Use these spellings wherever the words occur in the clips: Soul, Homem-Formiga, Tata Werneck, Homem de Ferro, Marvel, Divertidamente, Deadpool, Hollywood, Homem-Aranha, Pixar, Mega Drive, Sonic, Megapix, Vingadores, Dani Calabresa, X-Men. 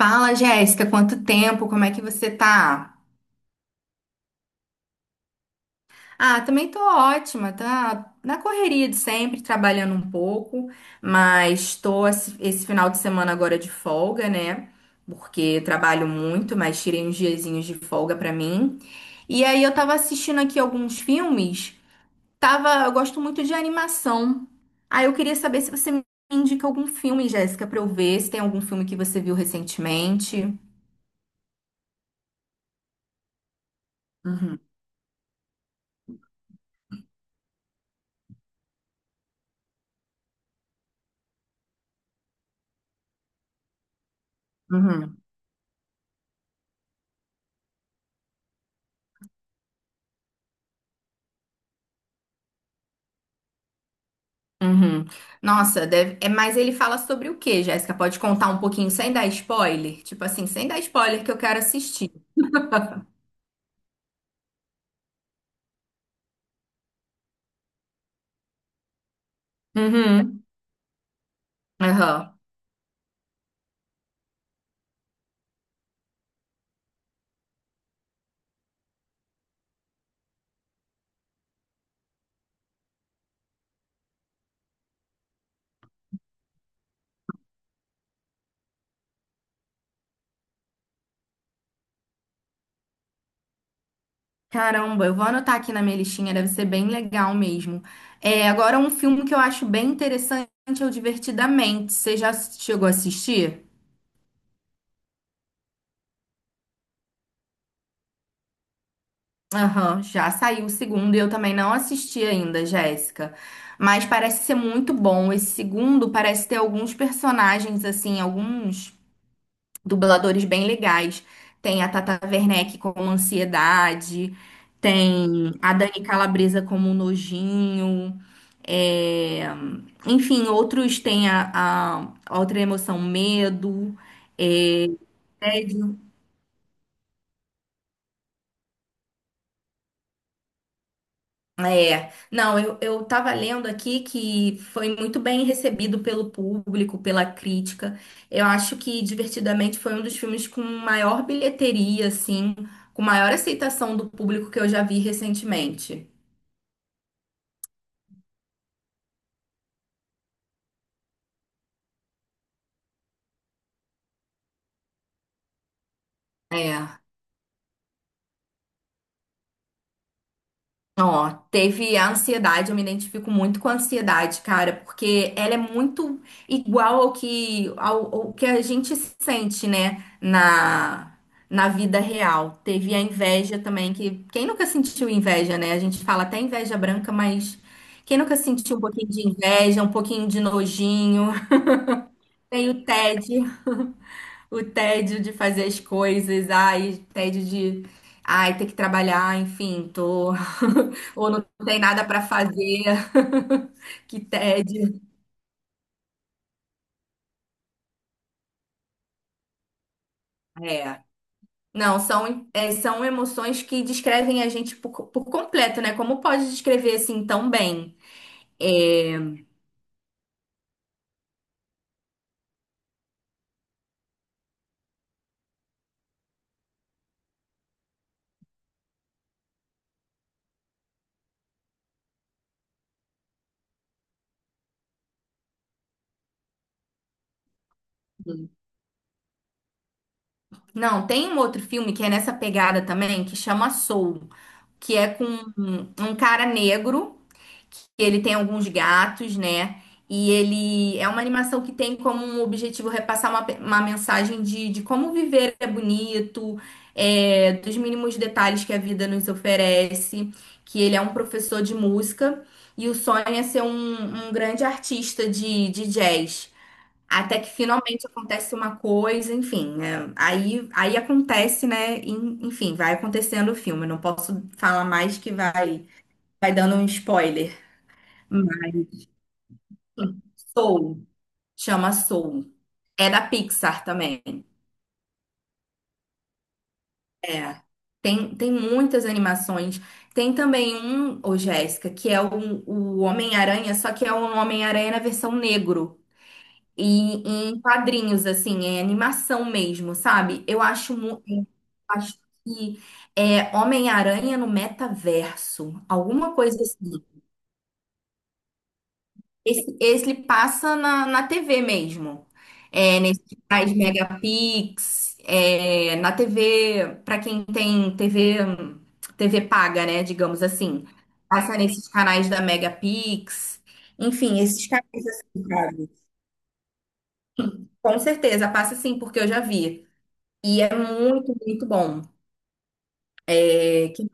Fala, Jéssica, quanto tempo? Como é que você tá? Ah, também tô ótima, tá na correria de sempre, trabalhando um pouco, mas tô esse final de semana agora de folga, né? Porque trabalho muito, mas tirei uns diazinhos de folga pra mim. E aí eu tava assistindo aqui alguns filmes, eu gosto muito de animação. Ah, eu queria saber se você me indica algum filme, Jéssica, pra eu ver, se tem algum filme que você viu recentemente. Uhum, uhum. Uhum. Nossa, é, mas ele fala sobre o quê, Jéssica? Pode contar um pouquinho sem dar spoiler? Tipo assim, sem dar spoiler que eu quero assistir. Uhum. Aham. Caramba, eu vou anotar aqui na minha listinha, deve ser bem legal mesmo. É, agora um filme que eu acho bem interessante é o Divertidamente. Você já chegou a assistir? Aham, já saiu o segundo e eu também não assisti ainda, Jéssica. Mas parece ser muito bom. Esse segundo parece ter alguns personagens, assim, alguns dubladores bem legais. Tem a Tata Werneck como Ansiedade, tem a Dani Calabresa como Nojinho, é, enfim, outros tem a outra emoção, Medo, é, Tédio. É, não, eu tava lendo aqui que foi muito bem recebido pelo público, pela crítica. Eu acho que Divertidamente foi um dos filmes com maior bilheteria, assim, com maior aceitação do público que eu já vi recentemente. É. Então, ó, teve a ansiedade, eu me identifico muito com a ansiedade, cara, porque ela é muito igual ao que a gente sente, né, na vida real. Teve a inveja também, que quem nunca sentiu inveja, né? A gente fala até inveja branca, mas quem nunca sentiu um pouquinho de inveja, um pouquinho de nojinho? Tem o tédio. O tédio de fazer as coisas, ai, ai, ter que trabalhar, enfim, tô ou não tem nada para fazer. Que tédio. É. Não, são emoções que descrevem a gente por completo, né? Como pode descrever assim tão bem? É, Não, tem um outro filme que é nessa pegada também, que chama Soul, que é com um cara negro. Ele tem alguns gatos, né? E ele é uma animação que tem como um objetivo repassar uma mensagem de como viver é bonito, dos mínimos detalhes que a vida nos oferece, que ele é um professor de música e o sonho é ser um grande artista de jazz. Até que finalmente acontece uma coisa, enfim, né? Aí acontece, né? Enfim, vai acontecendo o filme. Não posso falar mais que vai dando um spoiler. Mas Soul, chama Soul. É da Pixar também. É. Tem muitas animações. Tem também ô Jéssica, que é o Homem-Aranha, só que é um Homem-Aranha na versão negro. E em quadrinhos, assim, é animação mesmo, sabe? Eu acho que é Homem-Aranha no metaverso, alguma coisa assim. Esse ele passa na TV mesmo. É, nesses canais Megapix, é, na TV, para quem tem TV, TV paga, né, digamos assim. Passa nesses canais da Megapix. Enfim, esses canais assim, sabe? Com certeza, passa sim, porque eu já vi. E é muito, muito bom. É, que-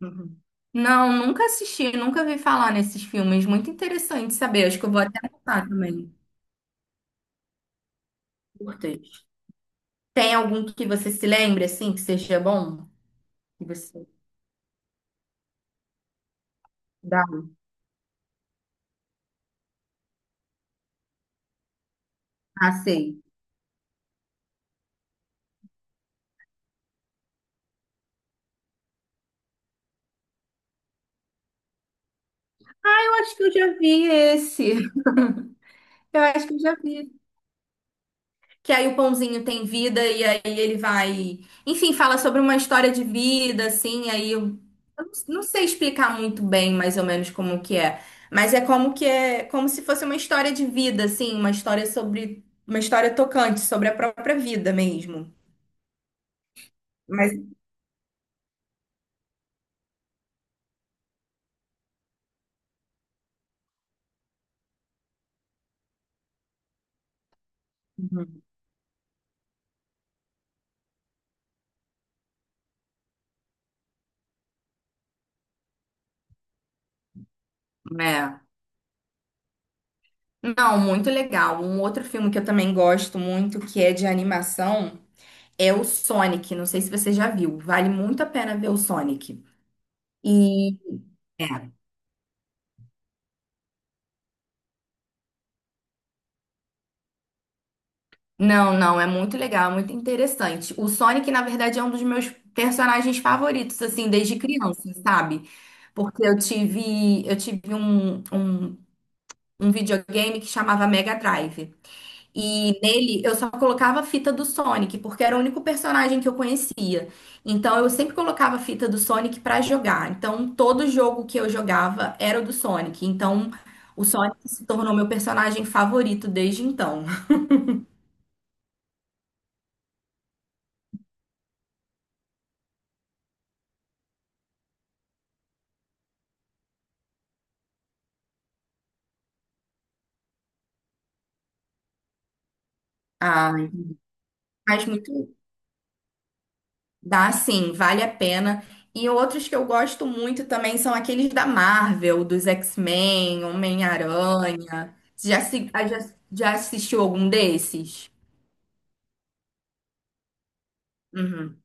Uhum. Não, nunca assisti, nunca vi falar nesses filmes. Muito interessante saber. Acho que eu vou até anotar também. Importante. Tem algum que você se lembre, assim, que seja bom? Que você dá? Ah, sei. Eu acho que eu já vi esse. Eu acho que eu já vi que aí o pãozinho tem vida e aí ele vai. Enfim, fala sobre uma história de vida, assim. Aí eu não sei explicar muito bem, mais ou menos, como que é. Mas é como que é. Como se fosse uma história de vida, assim. Uma história sobre. Uma história tocante, sobre a própria vida mesmo. Mas. Uhum. É. Não, muito legal. Um outro filme que eu também gosto muito, que é de animação, é o Sonic. Não sei se você já viu. Vale muito a pena ver o Sonic. E. É. Não, não, é muito legal, é muito interessante. O Sonic, na verdade, é um dos meus personagens favoritos, assim, desde criança, sabe? Porque eu tive um videogame que chamava Mega Drive. E nele eu só colocava a fita do Sonic, porque era o único personagem que eu conhecia. Então eu sempre colocava a fita do Sonic pra jogar. Então todo jogo que eu jogava era o do Sonic. Então o Sonic se tornou meu personagem favorito desde então. Ah, mas muito. Dá sim, vale a pena. E outros que eu gosto muito também são aqueles da Marvel, dos X-Men, Homem-Aranha. Você Já, se- ah, já, já assistiu algum desses? Uhum.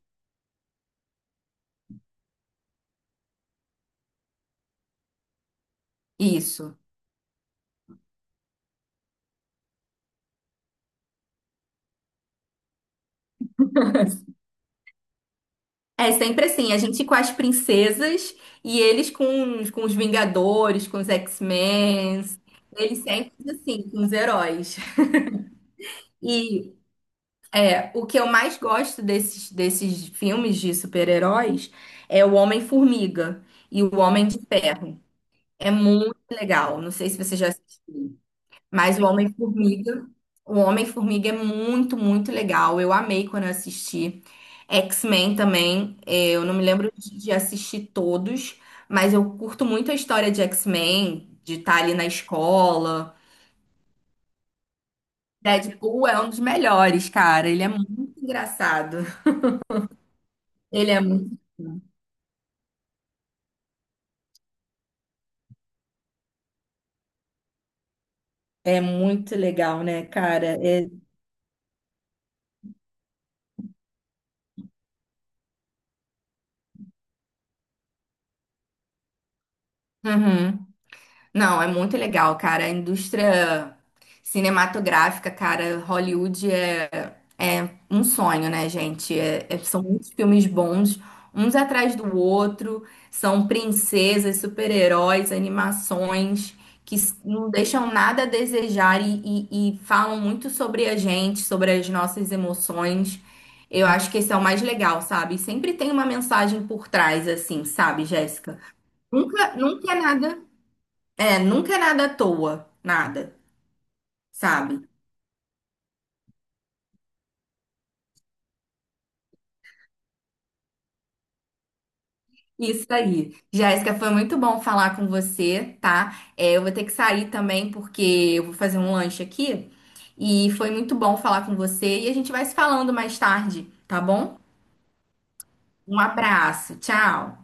Isso. É sempre assim, a gente com as princesas e eles com os Vingadores, com os X-Men. Eles sempre assim, com os heróis. E é, o que eu mais gosto desses filmes de super-heróis é o Homem-Formiga e o Homem de Ferro. É muito legal. Não sei se você já assistiu, mas o Homem-Formiga é muito, muito legal. Eu amei quando eu assisti. X-Men também, eu não me lembro de assistir todos, mas eu curto muito a história de X-Men, de estar ali na escola. Deadpool é um dos melhores, cara. Ele é muito engraçado. Ele é, mu- é muito legal, né, cara? É... Uhum. Não, é muito legal, cara. A indústria cinematográfica, cara, Hollywood é um sonho, né, gente? São muitos filmes bons, uns atrás do outro. São princesas, super-heróis, animações que não deixam nada a desejar e falam muito sobre a gente, sobre as nossas emoções. Eu acho que esse é o mais legal, sabe? Sempre tem uma mensagem por trás, assim, sabe, Jéssica? Nunca, nunca é nada. Nunca é nada à toa, nada, sabe? Isso aí. Jéssica, foi muito bom falar com você, tá? É, eu vou ter que sair também porque eu vou fazer um lanche aqui. E foi muito bom falar com você e a gente vai se falando mais tarde, tá bom? Um abraço, tchau.